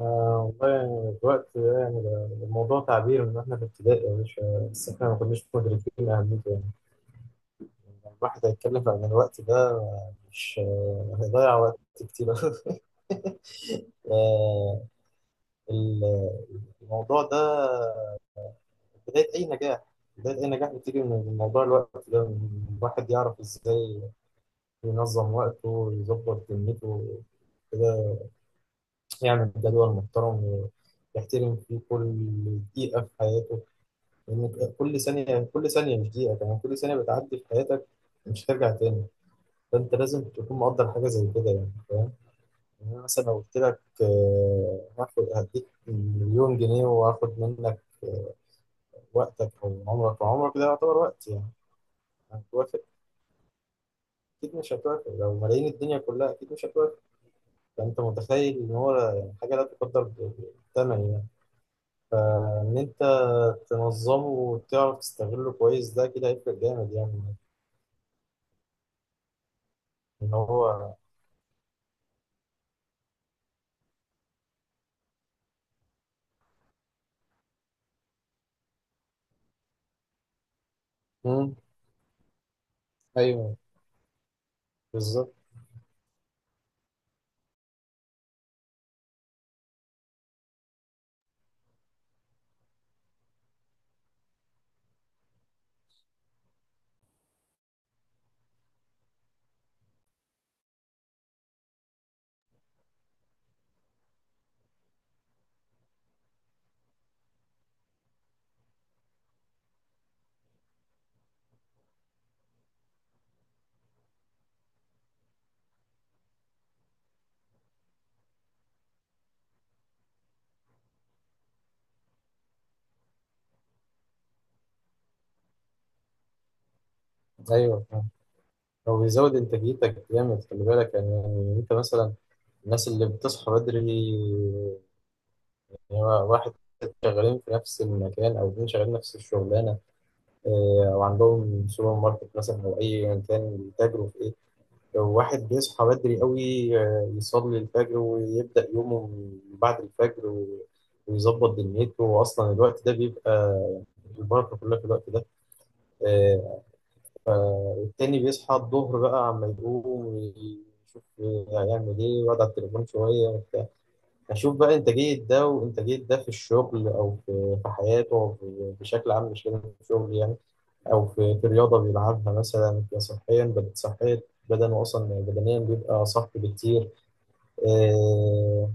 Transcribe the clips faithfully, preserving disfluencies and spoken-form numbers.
آه والله. الوقت ده يعني ده- ده الموضوع تعبير من واحنا في ابتدائي يا باشا، بس احنا ما كناش مدركين اهميته يعني. لما الواحد هيتكلم عن الوقت ده، مش آه، هيضيع وقت كتير. آه ال- الموضوع ده بداية أي نجاح بداية أي نجاح بتيجي من موضوع الوقت ده، إن الواحد يعرف إزاي ينظم وقته، يظبط دنيته كده، يعمل جدول محترم يحترم فيه كل دقيقة في حياته. لأن كل ثانية، كل ثانية، مش دقيقة كمان، كل ثانية بتعدي في حياتك مش هترجع تاني. فأنت لازم تكون مقدر حاجة زي كده، يعني فاهم. يعني أنا مثلا لو قلت لك آه، هاخد هديك مليون جنيه وهاخد منك آه، وقتك أو عمرك، وعمرك ده يعتبر وقت يعني. هتوافق؟ أكيد مش هتوافق. لو ملايين الدنيا كلها أكيد مش هتوافق. فأنت متخيل إن هو يعني حاجة لا تقدر ب- بالثمن يعني. فإن أنت تنظمه وتعرف تستغله كويس، ده كده هيفرق جامد يعني. إن هو. ايوه بالظبط. ايوه فاهم. هو بيزود انتاجيتك جامد، خلي بالك يعني. يعني انت مثلا الناس اللي بتصحى بدري يعني، واحد شغالين في نفس المكان او اتنين شغالين نفس الشغلانه، آه، او عندهم سوبر ماركت مثلا او اي كان بيتاجروا في ايه. لو واحد بيصحى بدري قوي، آه، يصلي الفجر ويبدا يومه من بعد الفجر و- ويظبط دنيته، واصلا الوقت ده بيبقى يعني البركه كلها في الوقت ده. آه، التاني بيصحى الظهر بقى، عما يقوم يشوف هيعمل ايه ويقعد على التليفون شوية وبتاع. أشوف بقى إنتاجية ده وإنتاجية ده في الشغل، أو في في حياته، أو في- بشكل عام، مش لازم في الشغل يعني. أو في في رياضة بيلعبها مثلا، صحيا بدأت صحيا، بدنه أصلا بدنيا بيبقى صح بكتير. آه،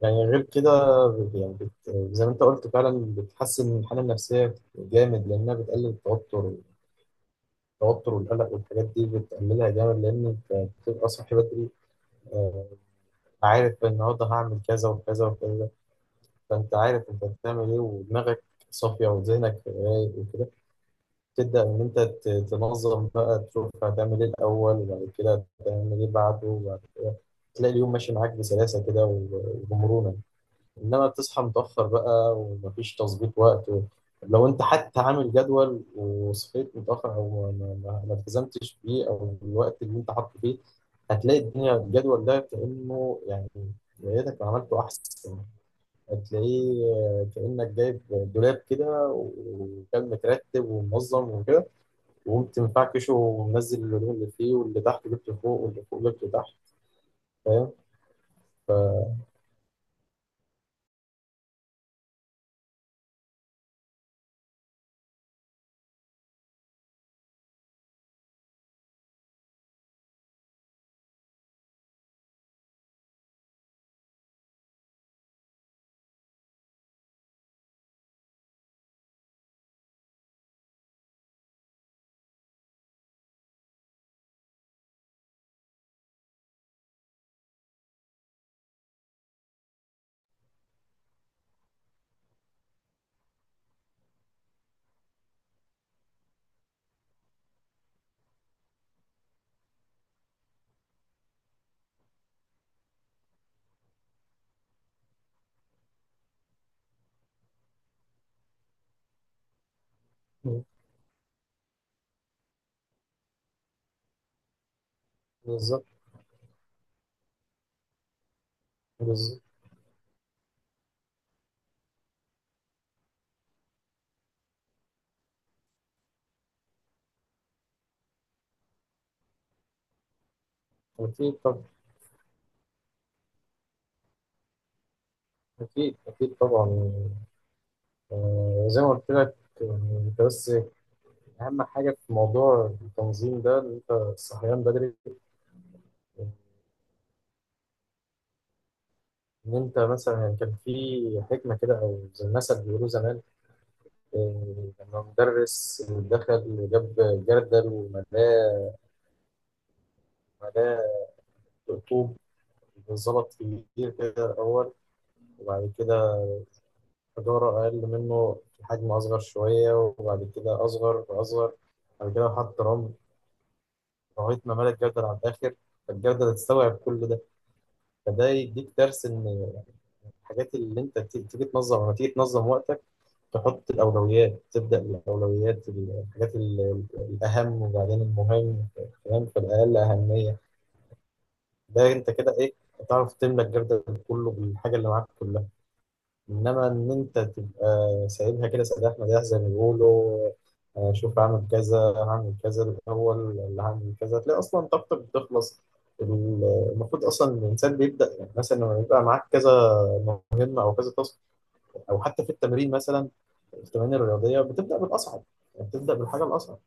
يعني غير كده، ب- يعني بت- زي ما أنت قلت فعلا، بتحسن الحالة النفسية جامد لأنها بتقلل التوتر. التوتر والقلق والحاجات دي بتقللها جامد، لان انت بتبقى صاحي بدري. آه، عارف النهارده هعمل كذا وكذا وكذا، فانت عارف انت بتعمل ايه ودماغك صافيه وذهنك رايق وكده. تبدا ان انت ت- تنظم بقى، تشوف هتعمل ايه الاول وبعد كده هتعمل ايه بعده وبعد كده، تلاقي اليوم ماشي معاك بسلاسه كده و- وبمرونه. انما بتصحى متاخر بقى ومفيش تظبيط وقت، و... لو انت حتى عامل جدول وصحيت متاخر او ما, ما, ما التزمتش بيه او الوقت اللي انت حاطه فيه، هتلاقي الدنيا الجدول ده كانه يعني يا ريتك ما عملته احسن. هتلاقيه كانك جايب دولاب كده وكان مترتب ومنظم وكده، وقمت مفعكشه ومنزل الهدوم اللي فيه، واللي تحت جبته فوق واللي فوق جبته تحت. فاهم. بالظبط. بالظبط. أكيد طبعا. أكيد أكيد طبعا. آه، زي ما قلت لك يعني. انت بس اهم حاجه في موضوع التنظيم ده ان انت الصحيان بدري. ان انت مثلا يعني كان في حكمه كده او زي المثل بيقولوه زمان، آه، لما مدرس دخل جاب جردل وملاه. ملاه رطوب، ظبط كبير كده الاول، وبعد كده حجاره اقل منه في حجم اصغر شويه، وبعد كده اصغر واصغر، بعد كده حط رمل لغايه ما ملى الجردل على الاخر. فالجردل تستوعب كل ده. فده يديك درس ان الحاجات اللي انت ت- تيجي تنظم، لما تيجي تنظم وقتك، تحط الاولويات، تبدا الاولويات الحاجات ال- الاهم وبعدين المهم، فاهم؟ فالاقل اهميه. ده انت كده ايه، هتعرف تملى الجردل كله بالحاجه اللي معاك كلها. انما ان انت تبقى سايبها كده سداح مداح زي ما بيقولوا، آه، شوف هعمل كذا هعمل كذا الاول اللي هعمل كذا، تلاقي اصلا طاقتك بتخلص. ال- المفروض اصلا الانسان بيبدا يعني، مثلا لما يبقى معاك كذا مهمه او كذا تاسك، او حتى في التمرين مثلا، التمارين الرياضيه بتبدا بالاصعب. يعني بتبدا بالحاجه الاصعب،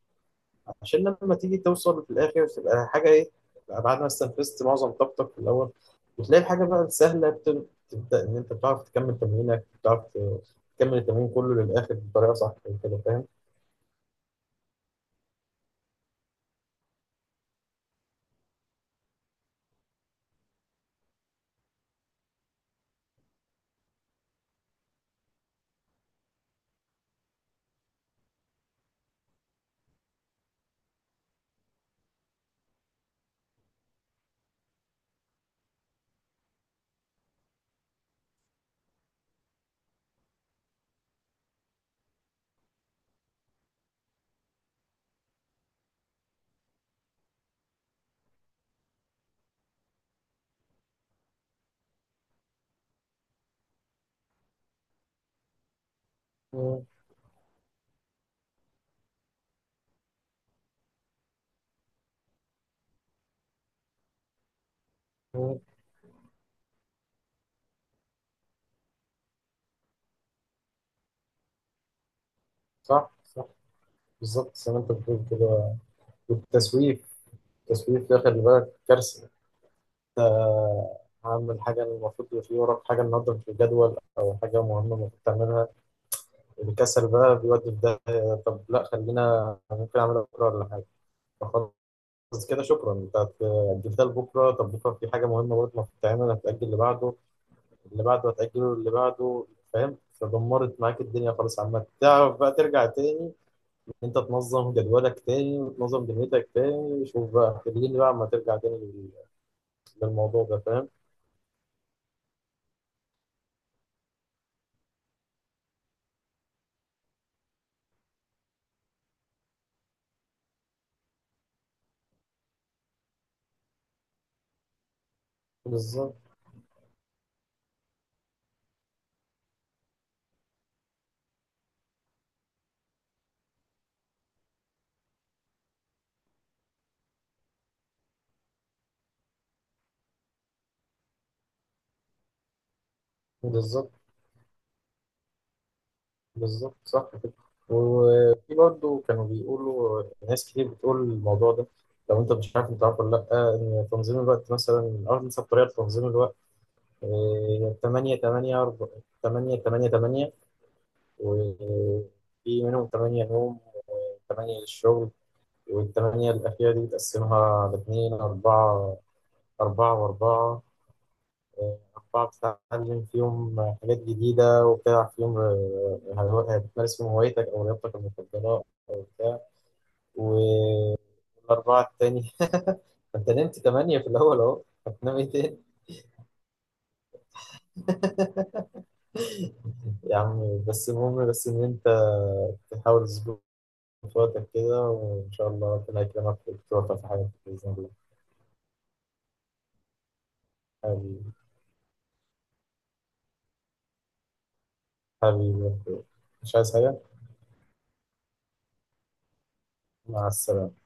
عشان لما تيجي توصل في الاخر تبقى حاجه ايه، تبقى بعد ما استنفذت معظم طاقتك في الاول. وتلاقي الحاجه بقى السهله بت- تبدا ان انت بتعرف تكمل تمرينك، بتعرف ت- تكمل التمرين كله للاخر بطريقه صح كده، فاهم. مم. مم. صح صح. بالظبط زي ما انت بتقول كده. والتسويف، التسويف ده خلي بالك كارثه. عامل حاجه المفروض يبقى في وراك حاجه النهارده في الجدول، او حاجه مهمه المفروض تعملها، الكسل بقى بيودي في ده. طب لا، خلينا ممكن اعملها بكره ولا حاجه. بس كده شكرا، انت هت- أجلتها لبكره. طب بكره في حاجه مهمه برضه المفروض تعملها، هتأجل اللي بعده، اللي بعده هتأجله اللي بعده، فاهم؟ فدمرت معاك الدنيا خالص. عامة تعرف بقى ترجع تاني، انت تنظم جدولك تاني وتنظم دنيتك تاني. شوف بقى خليني بقى اما ترجع تاني لل- للموضوع ده، فاهم؟ بالظبط. بالظبط. بالظبط صح كده. وفي برضه كانوا بيقولوا، ناس كتير بتقول الموضوع ده. لو انت مش عارف، انت عارف ولا لا، ان تنظيم الوقت مثلا اول بطريقه لتنظيم الوقت، آه، تمانية تمانية أربعة. تمانية تمانية تمانية. وفي منهم تمانية نوم، وتمانية للشغل، والتمانية الأخيرة دي بتقسمها لاتنين أربعة. أربعة وأربعة، آه، أربعة بتتعلم فيهم حاجات جديدة، وبتلعب فيهم آه، هو- بتمارس فيهم هوايتك أو رياضتك المفضلة أو بتاع. و- والأربعة التانية أنت نمت تمانية في الأول أهو، هتنام إيه تاني؟ يا عم بس المهم بس إن أنت تحاول تظبط وقتك كده، وإن شاء الله ربنا يكرمك وتوفق في حياتك بإذن الله. حبيبي. حبيبي. مش عايز حاجة. مع السلامة.